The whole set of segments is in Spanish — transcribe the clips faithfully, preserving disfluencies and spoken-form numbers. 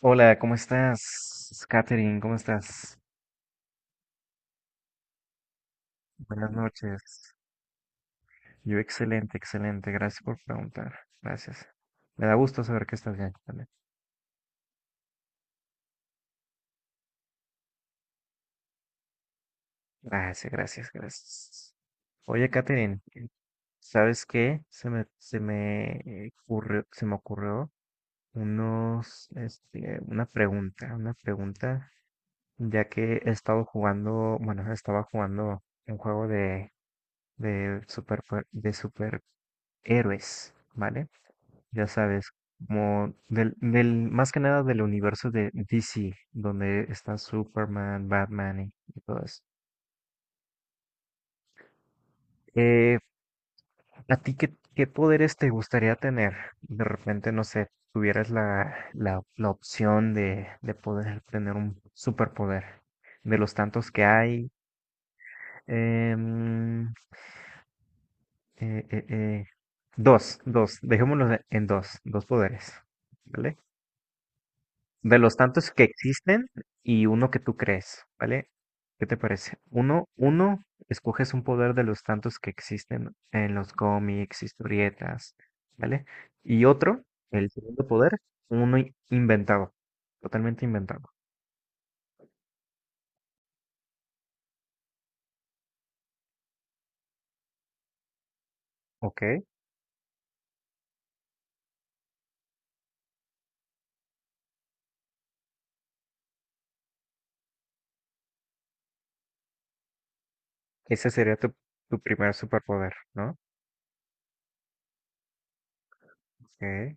Hola, ¿cómo estás? Katherine, ¿cómo estás? Buenas noches. Yo excelente, excelente. Gracias por preguntar. Gracias. Me da gusto saber que estás bien también. Gracias, gracias, gracias. Oye, Katherine, ¿sabes qué? Se me, se me eh, ocurrió, se me ocurrió unos, este, una pregunta, una pregunta, ya que he estado jugando, bueno, estaba jugando un juego de, de super, de superhéroes, ¿vale? Ya sabes, como del, del, más que nada del universo de D C, donde está Superman, Batman y, y todo eso. Eh, ¿a ti qué, qué poderes te gustaría tener? De repente, no sé, tuvieras la, la, la opción de, de poder tener un superpoder de los tantos que hay. em, eh, eh, eh, dos, dos, dejémoslo en dos, dos poderes, ¿vale? De los tantos que existen y uno que tú crees, ¿vale? ¿Qué te parece? Uno, uno, escoges un poder de los tantos que existen en los cómics, historietas, ¿vale? Y otro, el segundo poder, uno in- inventado, totalmente inventado, ¿ok? Ese sería tu, tu primer superpoder, ¿no? Ok.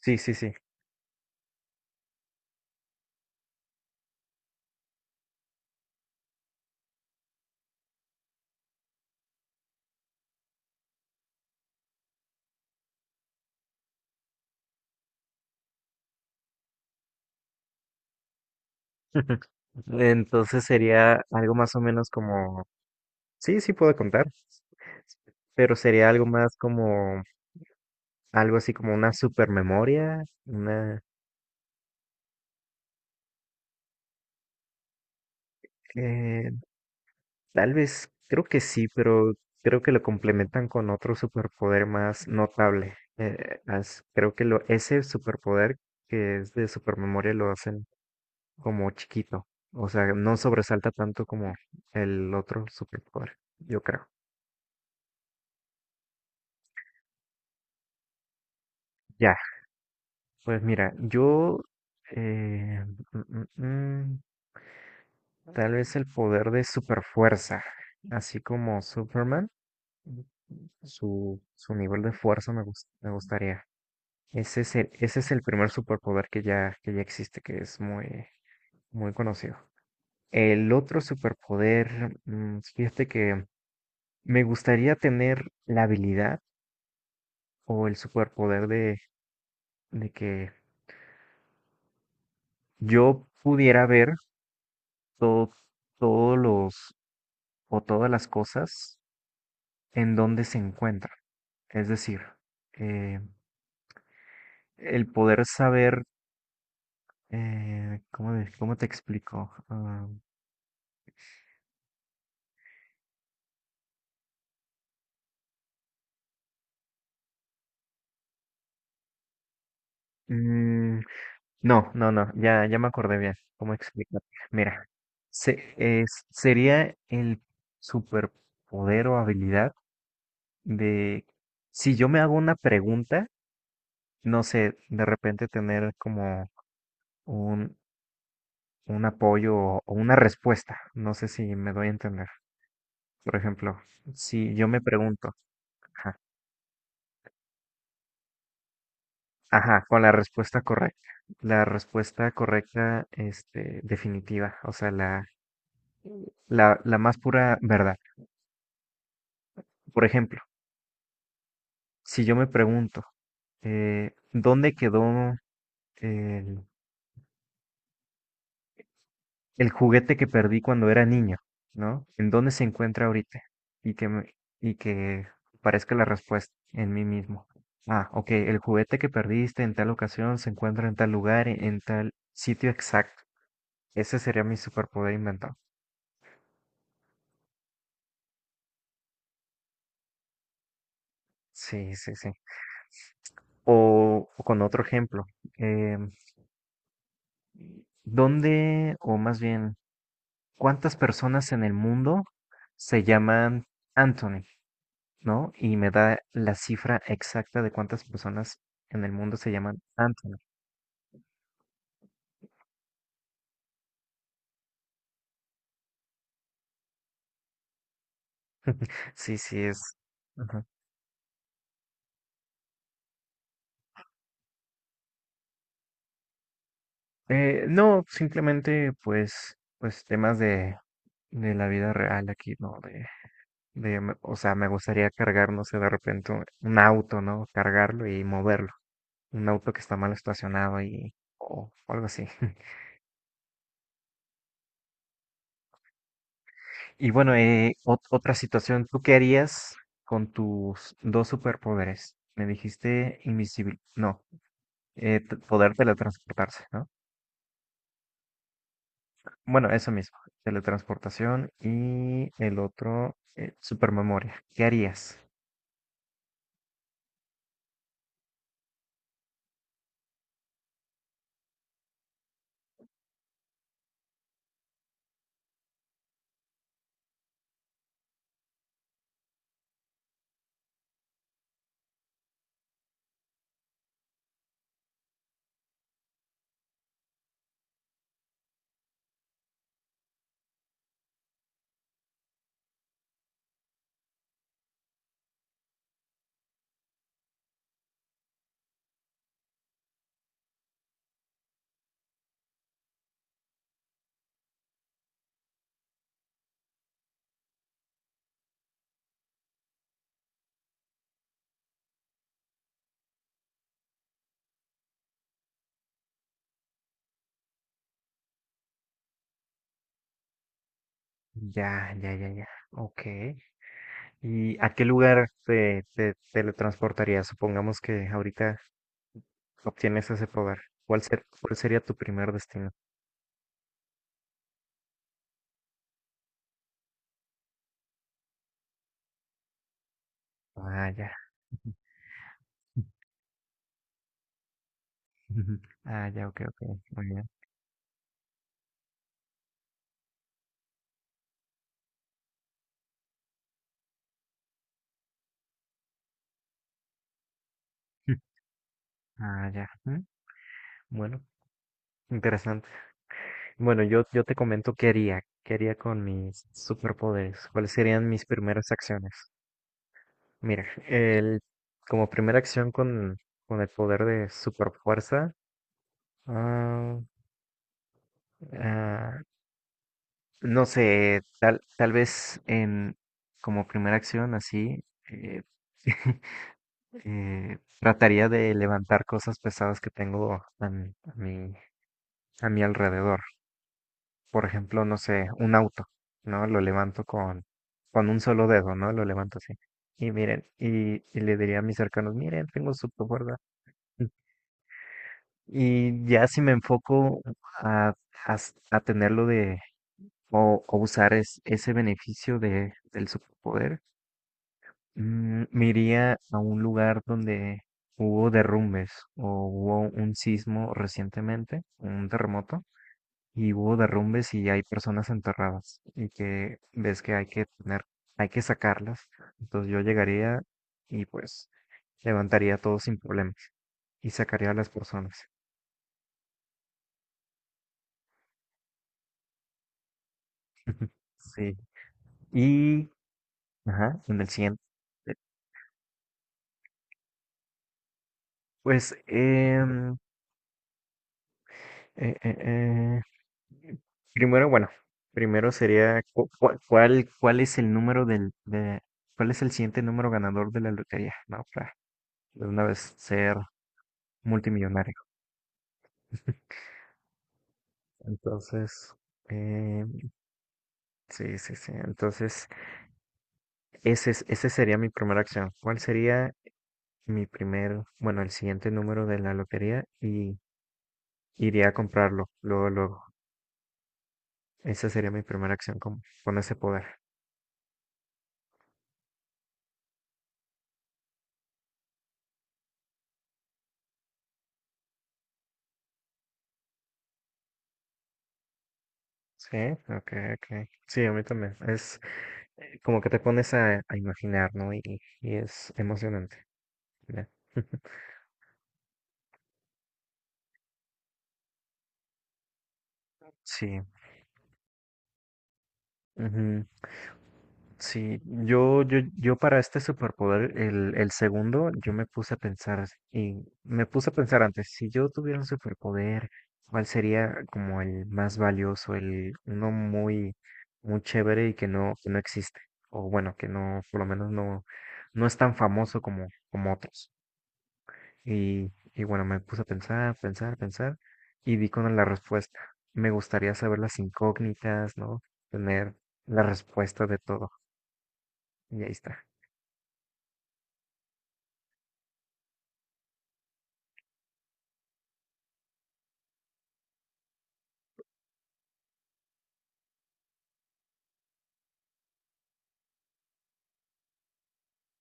Sí, sí, sí. Entonces sería algo más o menos como, sí, sí puedo contar, pero sería algo más como algo así como una supermemoria, una... eh, tal vez, creo que sí, pero creo que lo complementan con otro superpoder más notable. Eh, as- creo que lo, ese superpoder que es de supermemoria lo hacen como chiquito. O sea, no sobresalta tanto como el otro superpoder, yo creo. Ya, pues mira, yo... eh, mm, mm, mm, tal vez el poder de superfuerza, así como Superman. Su, su nivel de fuerza me, gus- me gustaría. Ese es el, ese es el primer superpoder que ya, que ya existe, que es muy, muy conocido. El otro superpoder, mm, fíjate que me gustaría tener la habilidad o el superpoder de, de que yo pudiera ver todo, todos los o todas las cosas en donde se encuentran. Es decir, eh, el poder saber, eh, ¿cómo, de- cómo te explico? Ah, Mm, no, no, no, ya, ya me acordé bien cómo explicar. Mira, se- es- sería el superpoder o habilidad de, si yo me hago una pregunta, no sé, de repente tener como un, un apoyo o una respuesta, no sé si me doy a entender. Por ejemplo, si yo me pregunto, ajá, ajá, con la respuesta correcta, la respuesta correcta, este, definitiva, o sea, la, la, la más pura verdad. Por ejemplo, si yo me pregunto, eh, ¿dónde quedó el, el juguete que perdí cuando era niño? ¿No? ¿En dónde se encuentra ahorita? Y que, me- y que parezca la respuesta en mí mismo. Ah, ok, el juguete que perdiste en tal ocasión se encuentra en tal lugar, en, en tal sitio exacto. Ese sería mi superpoder inventado. Sí, sí, sí. O, o con otro ejemplo, em, ¿dónde, o más bien, cuántas personas en el mundo se llaman Anthony, ¿no? Y me da la cifra exacta de cuántas personas en el mundo se llaman Anthony. Sí, sí, es. Ajá. Eh, no, simplemente pues, pues temas de, de la vida real aquí, ¿no? De, de, me- o sea, me gustaría cargar, no sé, de repente un un auto, ¿no? Cargarlo y moverlo. Un auto que está mal estacionado y, o algo así. Y bueno, eh, ot- otra situación, ¿tú qué harías con tus dos superpoderes? Me dijiste invisible, no, eh, t- poder teletransportarse, ¿no? Bueno, eso mismo, teletransportación y el otro, eh, supermemoria. ¿Qué harías? Ya, ya, ya, ya. Ok. ¿Y a qué lugar te, te teletransportarías? Supongamos que ahorita obtienes ese poder. ¿Cuál ser- ¿cuál sería tu primer destino? Ah, ya. Ah, ya, ok, ok. Muy bien. Ah, ya. mm, Bueno, interesante. Bueno, yo, yo te comento qué haría, qué haría con mis superpoderes, cuáles serían mis primeras acciones. Mira, el, como primera acción con, con el poder de superfuerza, ah, ah, no sé, tal, tal vez en, como primera acción así, eh, eh, trataría de levantar cosas pesadas que tengo a mi, a mi a mi alrededor. Por ejemplo, no sé, un auto, ¿no? Lo levanto con, con un solo dedo, ¿no? Lo levanto así. Y miren, y, y le diría a mis cercanos, miren, tengo superfuerza. Y ya si me enfoco a, a, s- a tenerlo de, o, o usar es- ese beneficio de, del superpoder, mm, me iría a un lugar donde hubo derrumbes o hubo un sismo recientemente, un terremoto y hubo derrumbes y hay personas enterradas y que ves que hay que tener, hay que sacarlas. Entonces yo llegaría y pues levantaría todo sin problemas y sacaría a las personas. Sí. Y, ajá, en el siguiente. Pues, em, eh, eh, eh, primero, bueno, primero sería, cu- cu- ¿cuál, cuál, es el número del, de, cuál es el siguiente número ganador de la lotería? No, para de una vez ser multimillonario. Entonces, eh, sí, sí, sí. Entonces, ese, es- ese sería mi primera acción. ¿Cuál sería mi primer, bueno, el siguiente número de la lotería? Y iría a comprarlo luego, luego. Esa sería mi primera acción con, con ese poder. Sí, ok, ok. Sí, a mí también. Es eh, como que te pones a, a imaginar, ¿no? Y, y es emocionante. Ya. Sí. Ujú. Sí, yo, yo, yo para este superpoder, el, el segundo, yo me puse a pensar y me puse a pensar antes, si yo tuviera un superpoder, ¿cuál sería como el más valioso, el uno muy, muy chévere y que no, que no existe? O bueno, que no, por lo menos no, no es tan famoso como, como otros. Y, y bueno, me puse a pensar, pensar, pensar y di con la respuesta. Me gustaría saber las incógnitas, ¿no? Tener la respuesta de todo. Y ahí está.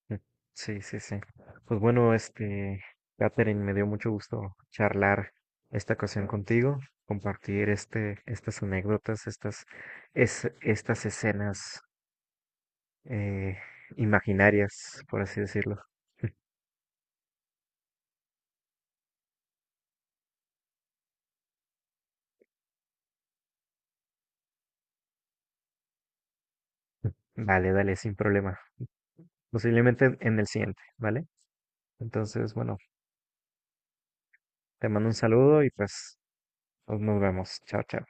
Mm, Sí, sí, sí. Pues bueno, este, Catherine, me dio mucho gusto charlar esta ocasión contigo, compartir este, estas anécdotas, estas, es, estas escenas eh, imaginarias, por así decirlo. Vale, dale, sin problema. Posiblemente en el siguiente, ¿vale? Entonces, bueno, te mando un saludo y pues nos nos vemos. Chao, chao.